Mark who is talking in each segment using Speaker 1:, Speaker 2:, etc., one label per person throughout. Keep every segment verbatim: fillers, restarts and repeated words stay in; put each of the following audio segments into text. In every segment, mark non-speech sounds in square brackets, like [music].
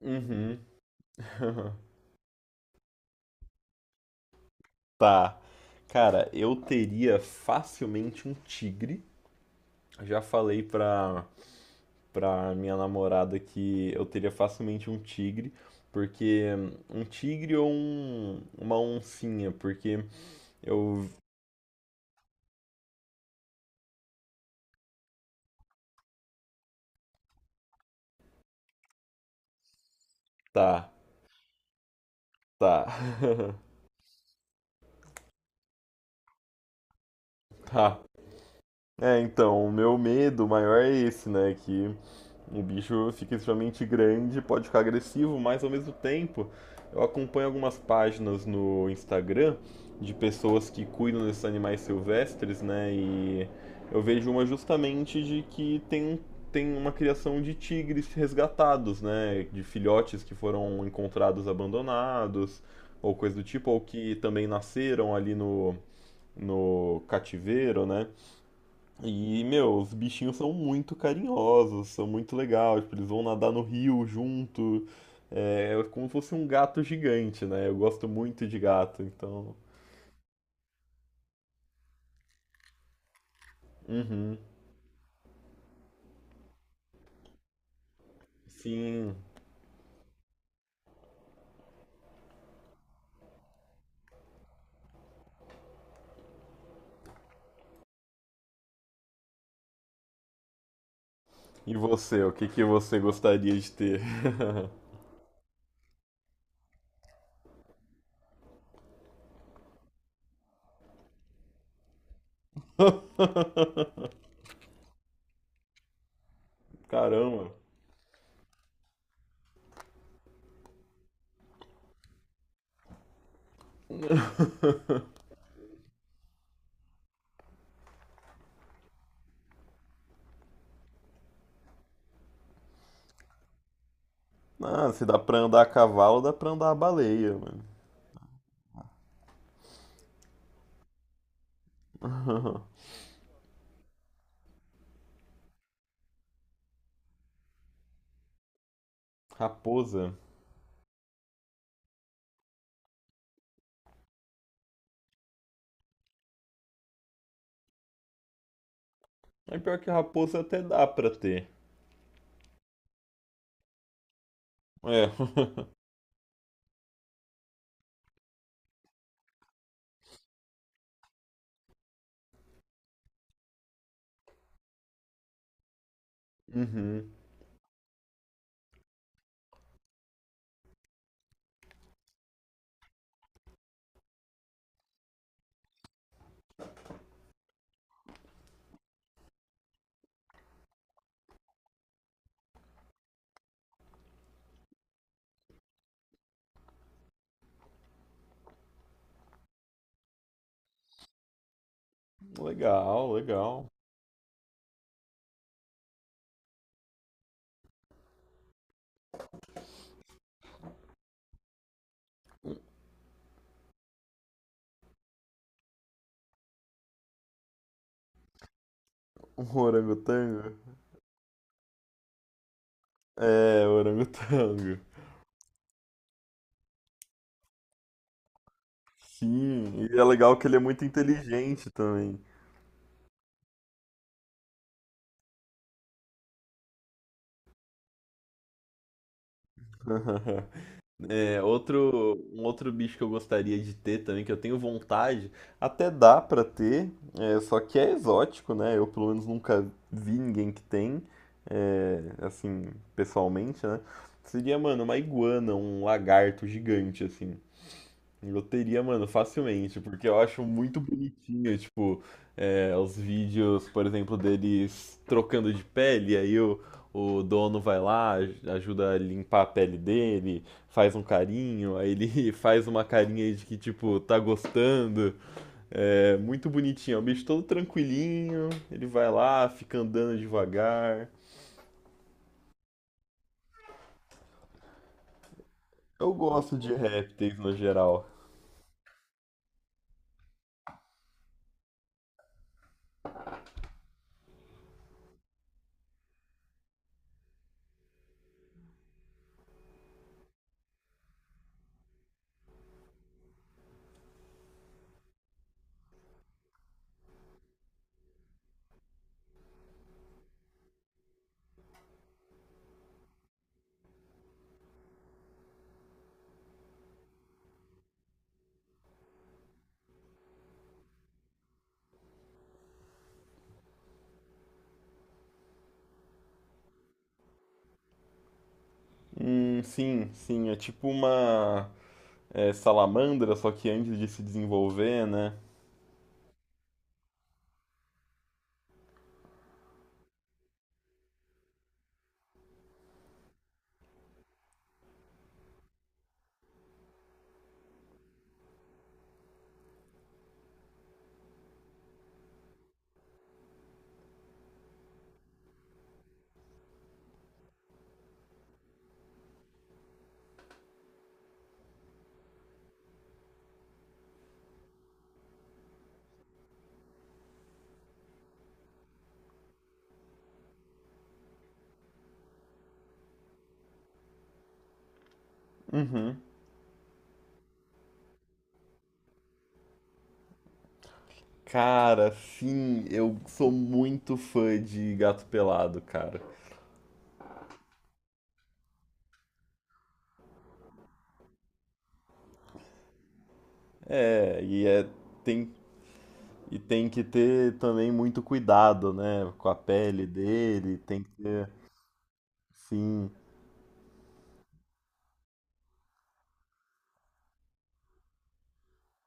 Speaker 1: Uhum. [laughs] Tá. Cara, eu teria facilmente um tigre. Já falei pra, Pra minha namorada que eu teria facilmente um tigre, porque um tigre ou um, uma oncinha, porque eu. Tá, tá, [laughs] tá. É, então, o meu medo maior é esse, né? Que o bicho fica extremamente grande, pode ficar agressivo, mas ao mesmo tempo eu acompanho algumas páginas no Instagram de pessoas que cuidam desses animais silvestres, né? E eu vejo uma justamente de que tem, um, tem uma criação de tigres resgatados, né? De filhotes que foram encontrados abandonados, ou coisa do tipo, ou que também nasceram ali no, no cativeiro, né? E, meu, os bichinhos são muito carinhosos, são muito legais, tipo, eles vão nadar no rio junto. É, é como se fosse um gato gigante, né? Eu gosto muito de gato, então. Uhum. Sim. E você, o que que você gostaria de ter? [laughs] Caramba. Ah, se dá pra andar a cavalo, dá pra andar a baleia, mano. Raposa. É, pior que raposa até dá pra ter. É. [laughs] Uhum. Legal, legal. Um orangotango? É, orangotango. Sim, e é legal que ele é muito inteligente também. [laughs] É, outro, um outro bicho que eu gostaria de ter também, que eu tenho vontade, até dá pra ter, é, só que é exótico, né? Eu pelo menos nunca vi ninguém que tem, é, assim, pessoalmente, né? Seria, mano, uma iguana, um lagarto gigante, assim. Eu teria, mano, facilmente, porque eu acho muito bonitinho, tipo, é, os vídeos, por exemplo, deles trocando de pele, aí o, o dono vai lá, aj- ajuda a limpar a pele dele, faz um carinho, aí ele [laughs] faz uma carinha de que, tipo, tá gostando. É muito bonitinho, é um bicho todo tranquilinho, ele vai lá, fica andando devagar. Eu gosto de répteis no geral. Hum, sim, sim, é tipo uma, é, salamandra, só que antes de se desenvolver, né? Uhum. Cara, sim, eu sou muito fã de gato pelado, cara. É, e é, tem, e tem que ter também muito cuidado, né? Com a pele dele, tem que ter, sim.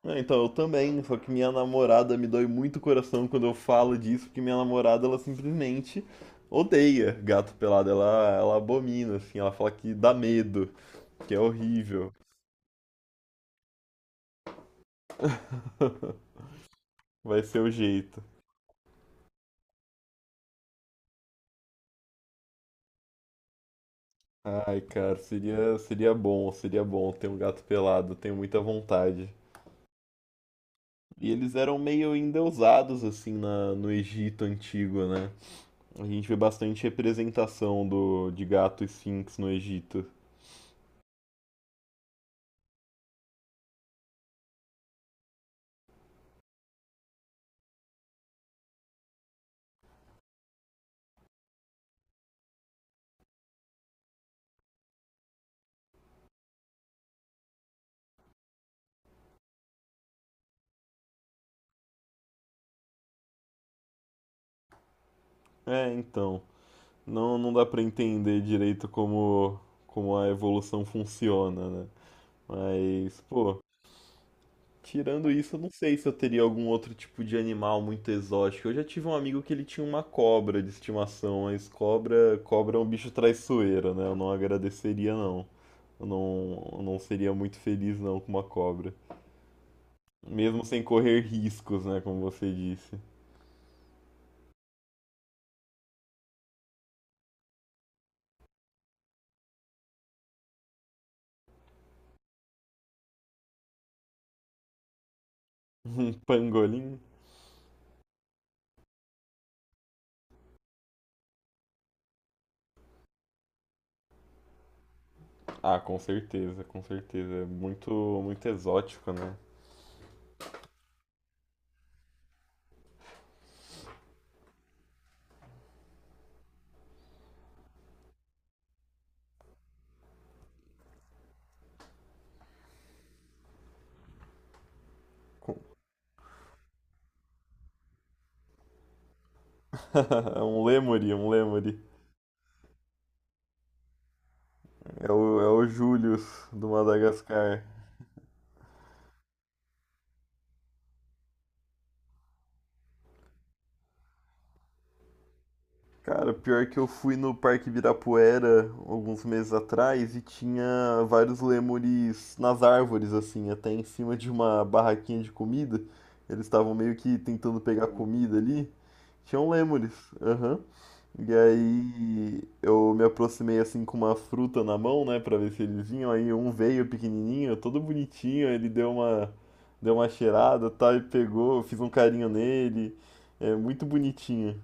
Speaker 1: Ah, então, eu também, só que minha namorada me dói muito o coração quando eu falo disso, porque minha namorada, ela simplesmente odeia gato pelado, ela, ela abomina, assim, ela fala que dá medo, que é horrível. Vai ser o jeito. Ai, cara, seria, seria bom, seria bom ter um gato pelado, tenho muita vontade. E eles eram meio endeusados, assim, na, no Egito antigo, né? A gente vê bastante representação do, de gato esfinx no Egito. É, então, não, não dá pra entender direito como, como a evolução funciona, né? Mas, pô, tirando isso, eu não sei se eu teria algum outro tipo de animal muito exótico. Eu já tive um amigo que ele tinha uma cobra de estimação, mas cobra, cobra é um bicho traiçoeiro, né? Eu não agradeceria, não. Eu não, eu não seria muito feliz, não, com uma cobra. Mesmo sem correr riscos, né? Como você disse. [laughs] Um pangolim? Ah, com certeza, com certeza. É muito, muito exótico, né? [laughs] É um lemuri, um lemuri. É o, é o július do Madagascar. Cara, pior que eu fui no Parque Ibirapuera alguns meses atrás e tinha vários lêmures nas árvores, assim, até em cima de uma barraquinha de comida. Eles estavam meio que tentando pegar comida ali. Tinham lêmures, aham. E aí eu me aproximei assim com uma fruta na mão, né, pra ver se eles vinham. Aí um veio pequenininho, todo bonitinho, ele deu uma, deu uma cheirada, tal, e pegou, eu fiz um carinho nele. É muito bonitinho.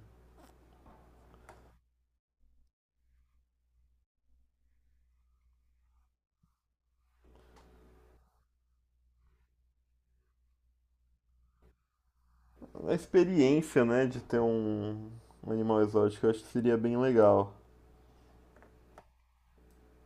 Speaker 1: A experiência, né, de ter um, um animal exótico, eu acho que seria bem legal.